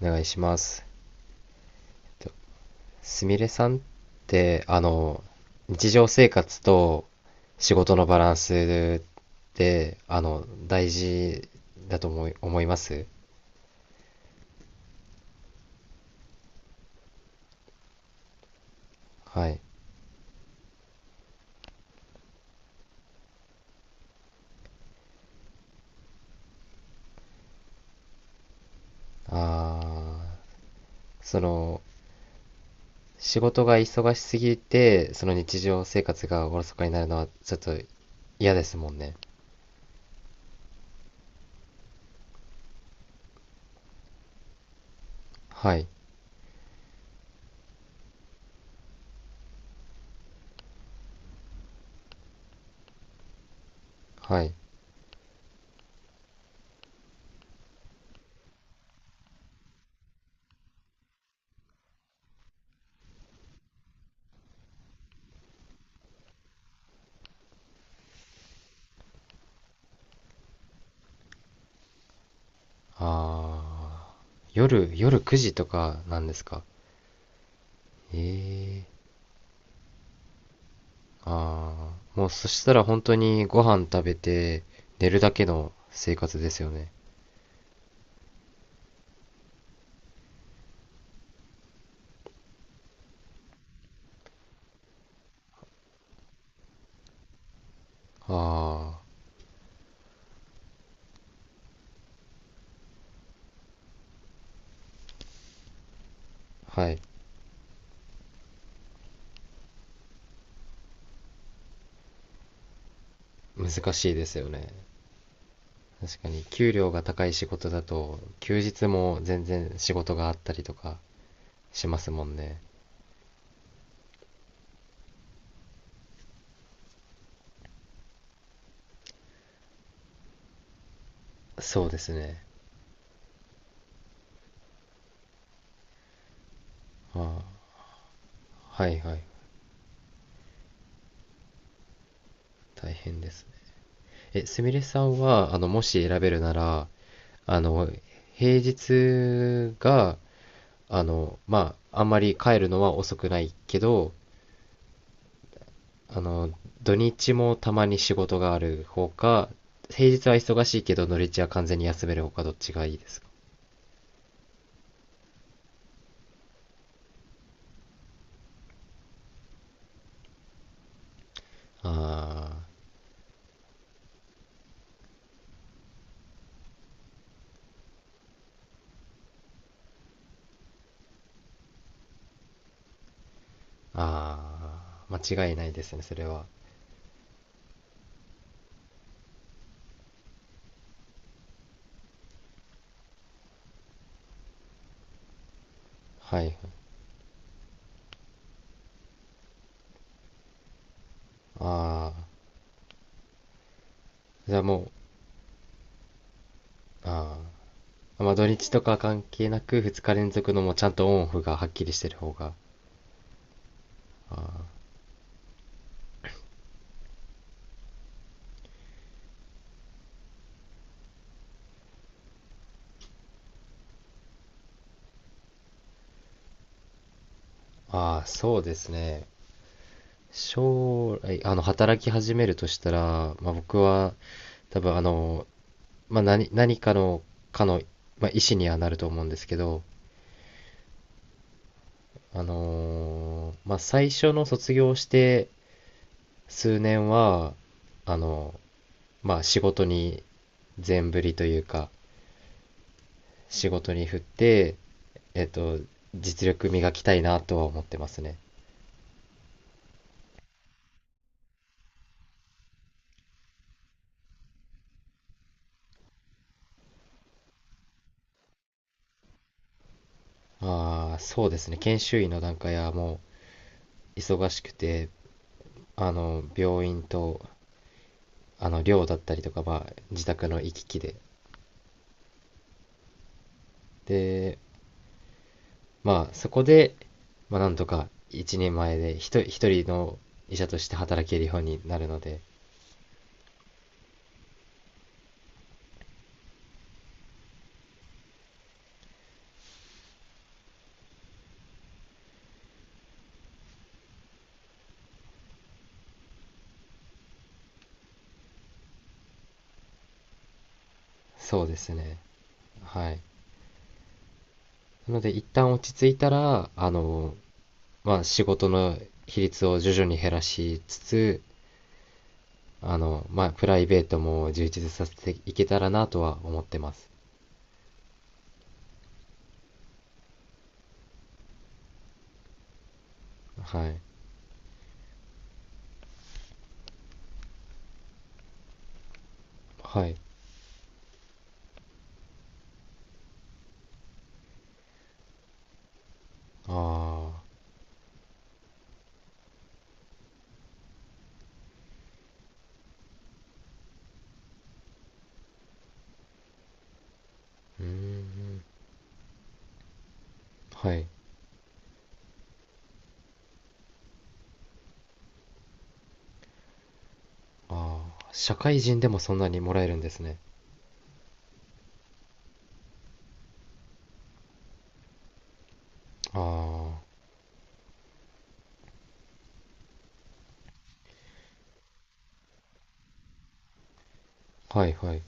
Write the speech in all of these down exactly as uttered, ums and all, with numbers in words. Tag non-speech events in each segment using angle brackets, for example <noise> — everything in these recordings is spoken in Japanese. お願いします。すみれさんって、あの、日常生活と仕事のバランスって、あの、大事だと思い、思いますはい。ああ、その、仕事が忙しすぎて、その日常生活がおろそかになるのはちょっと嫌ですもんね。はい。はい。ああ、夜、夜くじとかなんですか？えー。ああ、もうそしたら本当にご飯食べて寝るだけの生活ですよね。ああ、はい。難しいですよね。確かに、給料が高い仕事だと、休日も全然仕事があったりとかしますもんね。そうですね。ああ、はいはい。大変です。え、すみれさんは、あの、もし選べるなら、あの、平日が、あの、まあ、あんまり帰るのは遅くないけど、あの、土日もたまに仕事がある方か、平日は忙しいけど土日は完全に休める方かどっちがいいですか？あー、あー、間違いないですね、それは。はいはい。ああ、じゃあもう、ああ、まあ土日とか関係なくふつか連続のもうちゃんとオンオフがはっきりしてる方が。ああ、ああ、そうですね。将来、あの、働き始めるとしたら、まあ僕は多分あの、まあ、何、何かの、かの、まあ、意思にはなると思うんですけど、あのーまあ、最初の卒業して数年は、あの、まあ、仕事に全振りというか、仕事に振って、えっと、実力磨きたいなとは思ってますね。ああ、そうですね。研修医の段階はもう忙しくて、あの、病院と、あの、寮だったりとか、まあ、自宅の行き来で、で、まあ、そこで、まあ、なんとか一人前で一人、一人の医者として働けるようになるので、そうですね。はい。なので、一旦落ち着いたら、あの、まあ、仕事の比率を徐々に減らしつつ、あの、まあ、プライベートも充実させていけたらなとは思ってます。はい。はい。ああ、うーん。はい。ああ、社会人でもそんなにもらえるんですね。ああ、はいはい。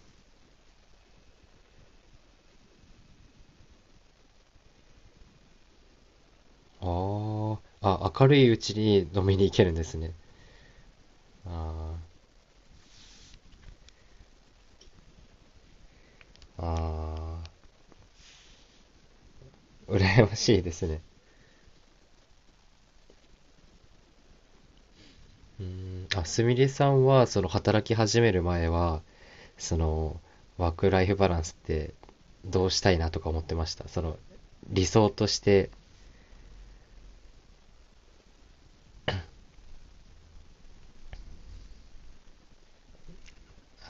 ああ、あ、明るいうちに飲みに行けるんですね。ああ、ああ、羨ましいですね。うーん、あ、すみれさんは、その働き始める前は、その、ワークライフバランスってどうしたいなとか思ってました？その、理想として。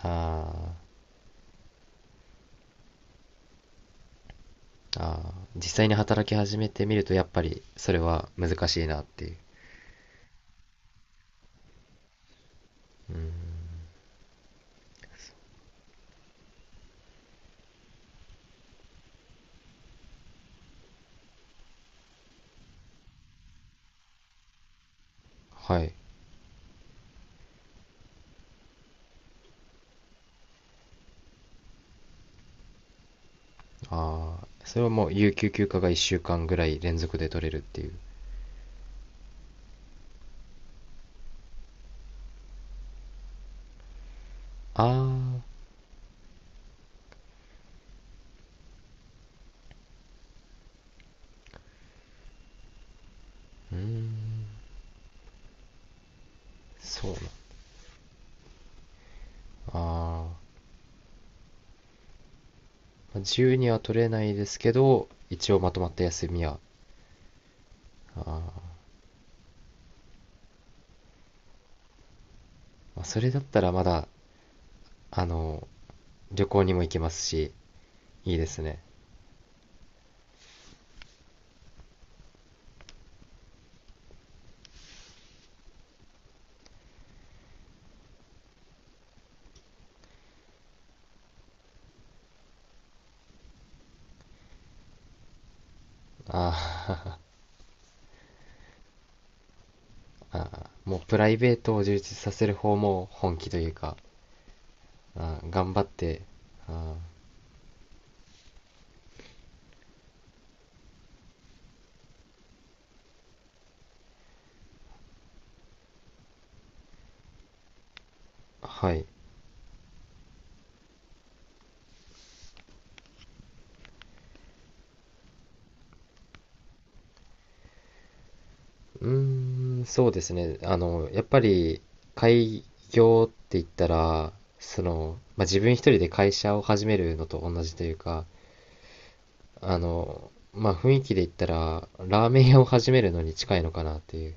あー、あー、あ、実際に働き始めてみると、やっぱり、それは難しいなっていう。うん、はい。ああ、それはもう、有給休暇がいっしゅうかんぐらい連続で取れるっていう。ああ、うーん、そうな。あー、まあ、自由には取れないですけど、一応まとまった休みは。あー、まあ、それだったらまだ、あの、旅行にも行けますし、いいですね。あー、 <laughs> あー、もうプライベートを充実させる方も本気というか、あー頑張って、あー、はい。うーん、そうですね。あの、やっぱり、開業って言ったら、その、まあ、自分一人で会社を始めるのと同じというか、あの、まあ、雰囲気で言ったら、ラーメン屋を始めるのに近いのかなっていう。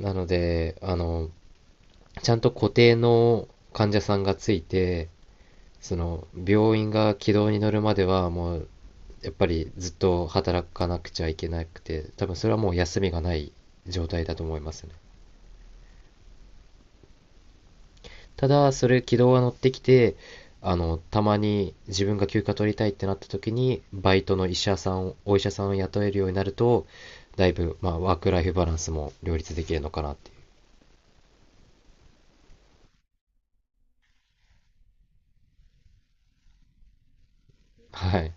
なので、あの、ちゃんと固定の患者さんがついて、その、病院が軌道に乗るまでは、もう、やっぱりずっと働かなくちゃいけなくて、多分それはもう休みがない状態だと思いますね。ただ、それ軌道が乗ってきて、あの、たまに自分が休暇取りたいってなった時に、バイトの医者さんを、お医者さんを雇えるようになると、だいぶ、まあ、ワークライフバランスも両立できるのかなっていう。はい。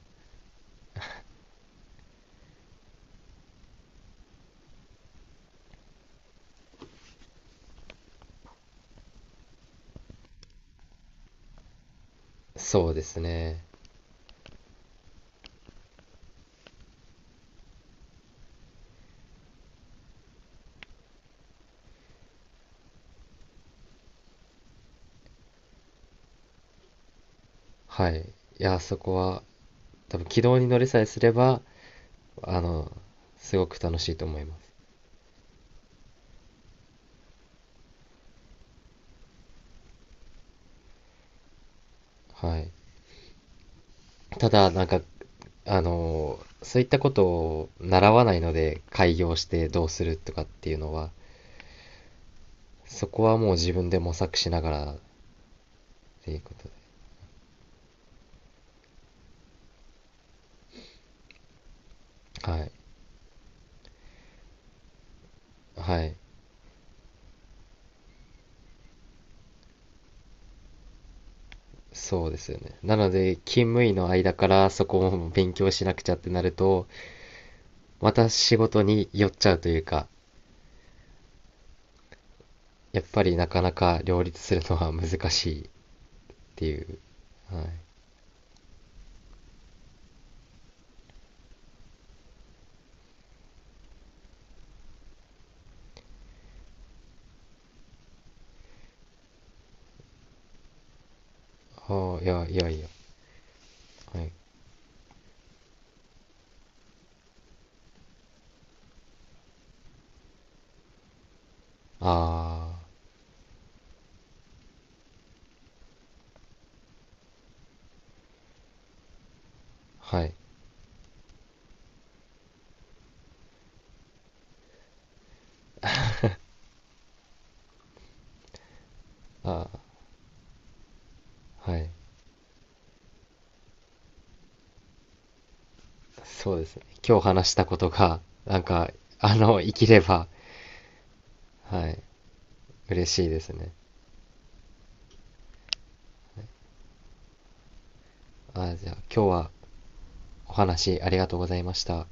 そうですね。はい。いや、そこは、多分軌道に乗れさえすれば、あの、すごく楽しいと思います。はい。ただ、なんか、あの、そういったことを習わないので、開業してどうするとかっていうのは、そこはもう自分で模索しながらっていうことで。はい。はい。そうですよね。なので、勤務医の間からそこも勉強しなくちゃってなると、また仕事に寄っちゃうというか、やっぱりなかなか両立するのは難しいっていう。はい。ああ、いや、いやいや。はい。ああ、はい。ああ、はい。そうですね。今日話したことが、なんか、あの、生きれば、はい。嬉しいですね。ああ、じゃあ今日は、お話ありがとうございました。